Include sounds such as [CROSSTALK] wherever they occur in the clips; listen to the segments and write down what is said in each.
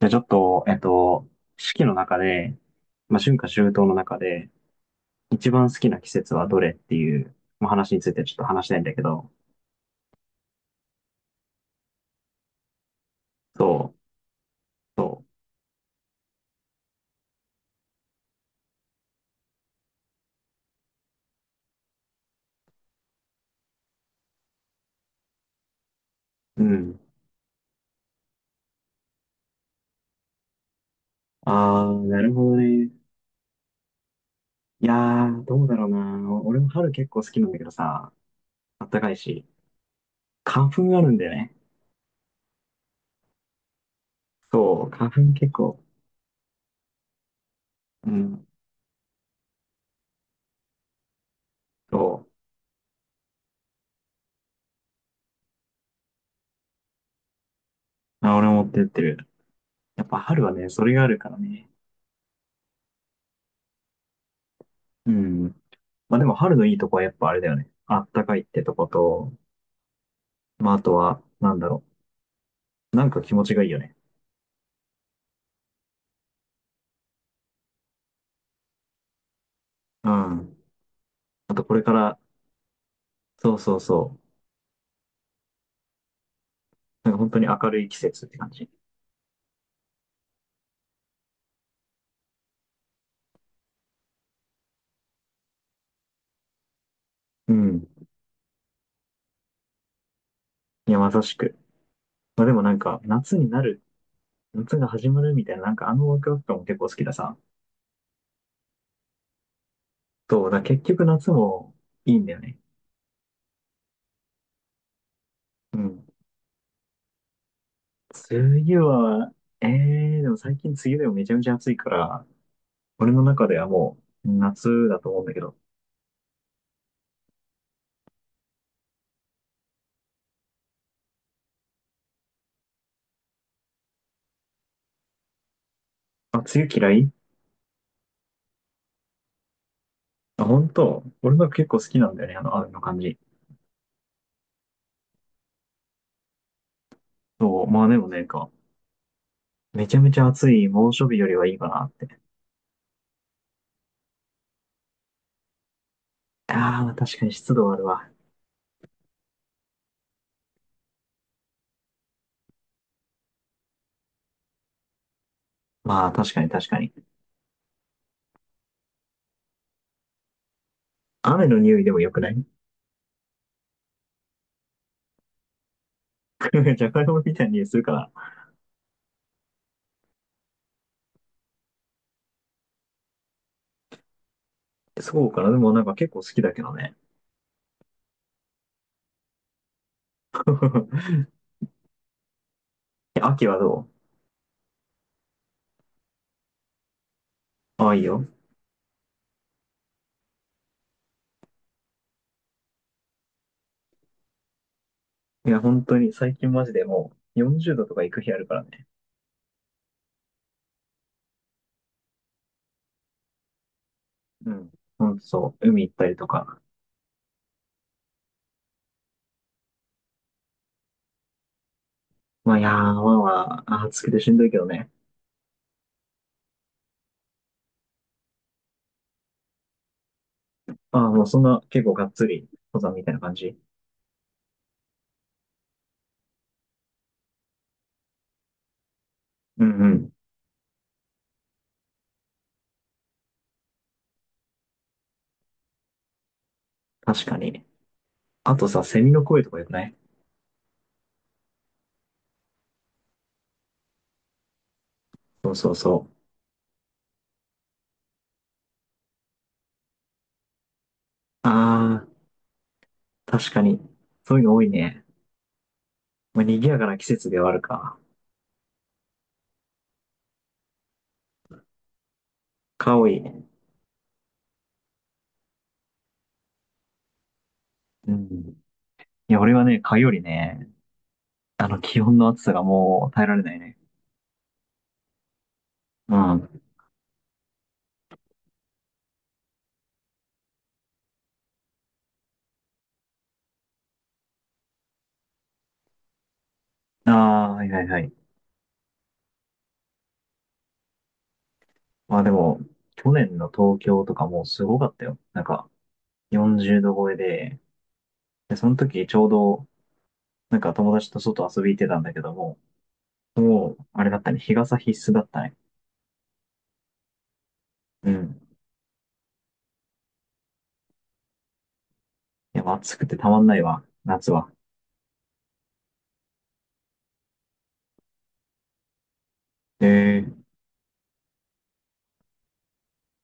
じゃあちょっと、四季の中で、春夏秋冬の中で、一番好きな季節はどれっていう、まあ、話についてちょっと話したいんだけど、そう、そうん。あー、なるほどね。いやー、どうだろうな。お俺も春結構好きなんだけどさ、あったかいし、花粉あるんだよね。そう、花粉結構、うん、そう、あ、俺も持ってってる。やっぱ春はね、それがあるからね。うん。まあでも春のいいとこはやっぱあれだよね。あったかいってとこと、まあ、あとは、なんだろう。なんか気持ちがいいよね。うん。あとこれから、そうそうそう。なんか本当に明るい季節って感じ。うん。いや、まさしく。まあでもなんか、夏が始まるみたいな、なんかあのワクワク感も結構好きださ。そう、だから結局夏もいいんだよね。うん。梅雨は、でも最近梅雨でもめちゃめちゃ暑いから、俺の中ではもう夏だと思うんだけど。あ、梅雨嫌い？あ、本当？俺の結構好きなんだよね、あの、雨の感じ。そう、まあでもね、めちゃめちゃ暑い猛暑日よりはいいかなって。ああ、確かに湿度はあるわ。まあ、確かに。雨の匂いでも良くない？ [LAUGHS] じゃがいも [LAUGHS] みたいな匂いするから。そうかな。でもなんか結構好きだけどね。[LAUGHS] え、秋はどう？ああ、いいよ。いや、本当に最近マジでもう40度とか行く日あるからね。うん。ほんとそう。海行ったりとか。まあ、いやー、まあ、暑くてしんどいけどね。ああ、もうそんな結構がっつり登山みたいな感じ。うんうん。確かに。あとさ、セミの声とか良くない？そうそうそう。ああ、確かに。そういうの多いね。まあ、賑やかな季節ではあるか。蚊多い。うん。いや、俺はね、蚊よりね、あの、気温の暑さがもう耐えられないね。うん。ああ、はいはいはい。まあでも、去年の東京とかもうすごかったよ。なんか、40度超えで、で、その時ちょうど、なんか友達と外遊び行ってたんだけども、もう、あれだったね、日傘必須だったね。うん。いや、暑くてたまんないわ、夏は。ええ、す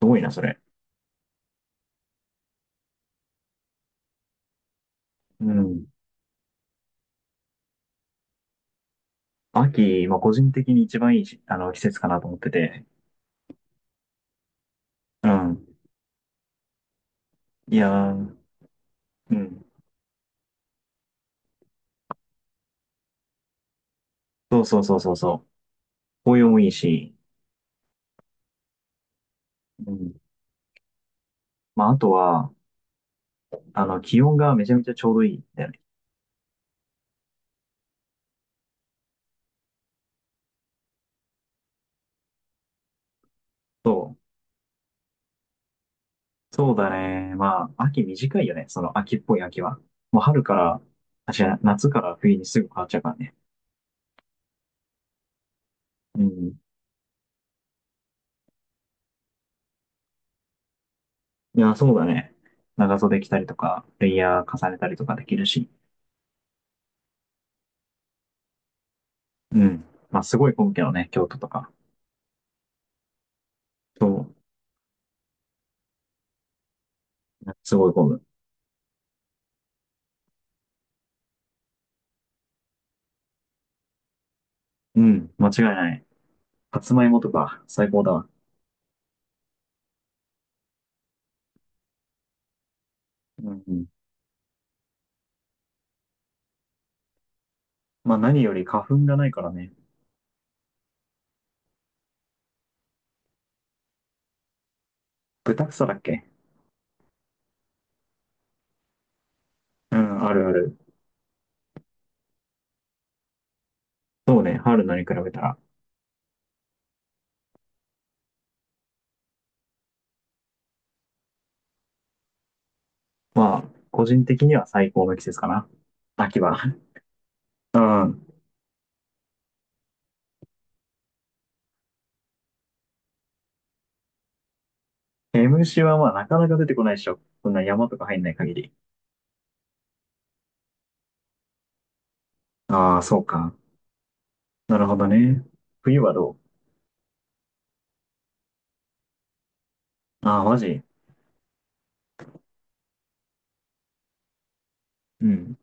ごいな、それ。うん。秋、まあ、個人的に一番いいし、あの、季節かなと思ってて。うん。いやー、うん。そうそうそうそうそう。紅葉もいいし、うん。まあ、あとは、あの、気温がめちゃめちゃちょうどいいんだよね。そう。そうだね。まあ、秋短いよね。その秋っぽい秋は。もう春から、あ、違う、夏から冬にすぐ変わっちゃうからね。うん。いや、そうだね。長袖着たりとか、レイヤー重ねたりとかできるし。うん。まあ、すごい混むけどね、京都とか。そう。すごい混む。うん。間違いない。さつまいもとか、最高だわ。うんうん。まあ何より花粉がないからね。豚草だっけ？うん、あるある。そうね、春菜に比べたら。まあ、個人的には最高の季節かな。秋は。うん。毛虫はまあなかなか出てこないでしょ。そんな山とか入んない限り。ああ、そうか。なるほどね。冬はどう？ああ、マジ？うん。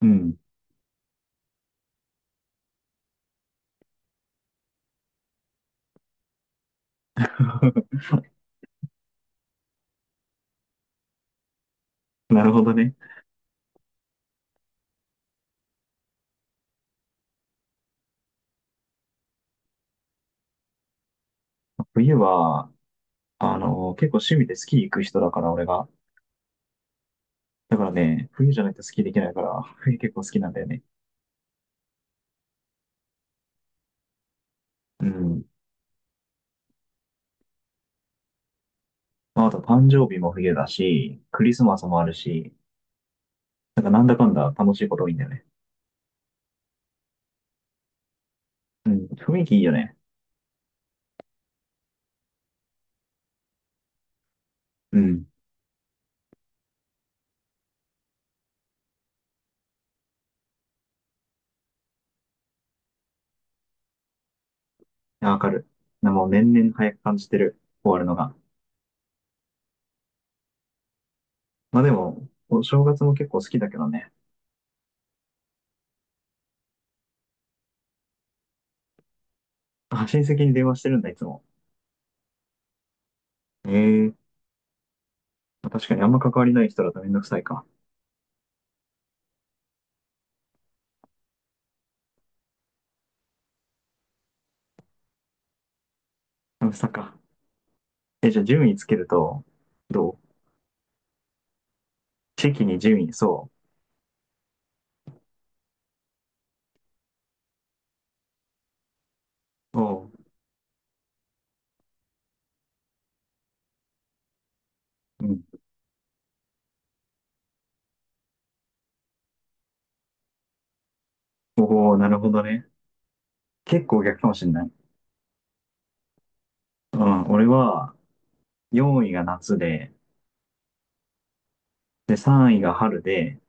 うん。[LAUGHS] なるほどね。冬は、あの、結構趣味でスキー行く人だから、俺が。だからね、冬じゃないとスキーできないから、冬結構好きなんだよね。うん。まあ、あと誕生日も冬だし、クリスマスもあるし、なんかなんだかんだ楽しいこと多いんだよね。うん。雰囲気いいよね。うん。いやわかる。なもう年々早く感じてる。終わるのが。まあでも、お正月も結構好きだけどね。あ、親戚に電話してるんだ、いつも。ええ、まあ確かにあんま関わりない人だとめんどくさいか。めんどくさか。え、じゃあ順位つけると、どう？地域に順位、そう。おう。うん。おお、なるほどね。結構逆かもしれない。うん、俺は、4位が夏で、で、3位が春で、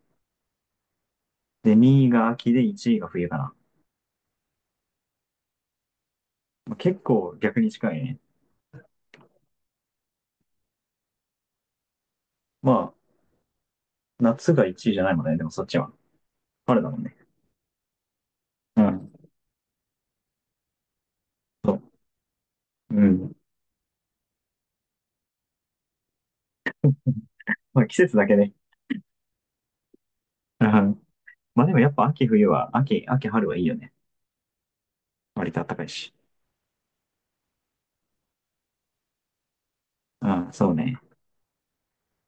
で、2位が秋で、1位が冬かな。まあ結構逆に近いね。まあ、夏が1位じゃないもんね。でもそっちは。春だもんね。うん。そう。うん。まあ季節だけね。うん。まあでもやっぱ秋冬は、秋春はいいよね。割と暖かいし。うん、そうね。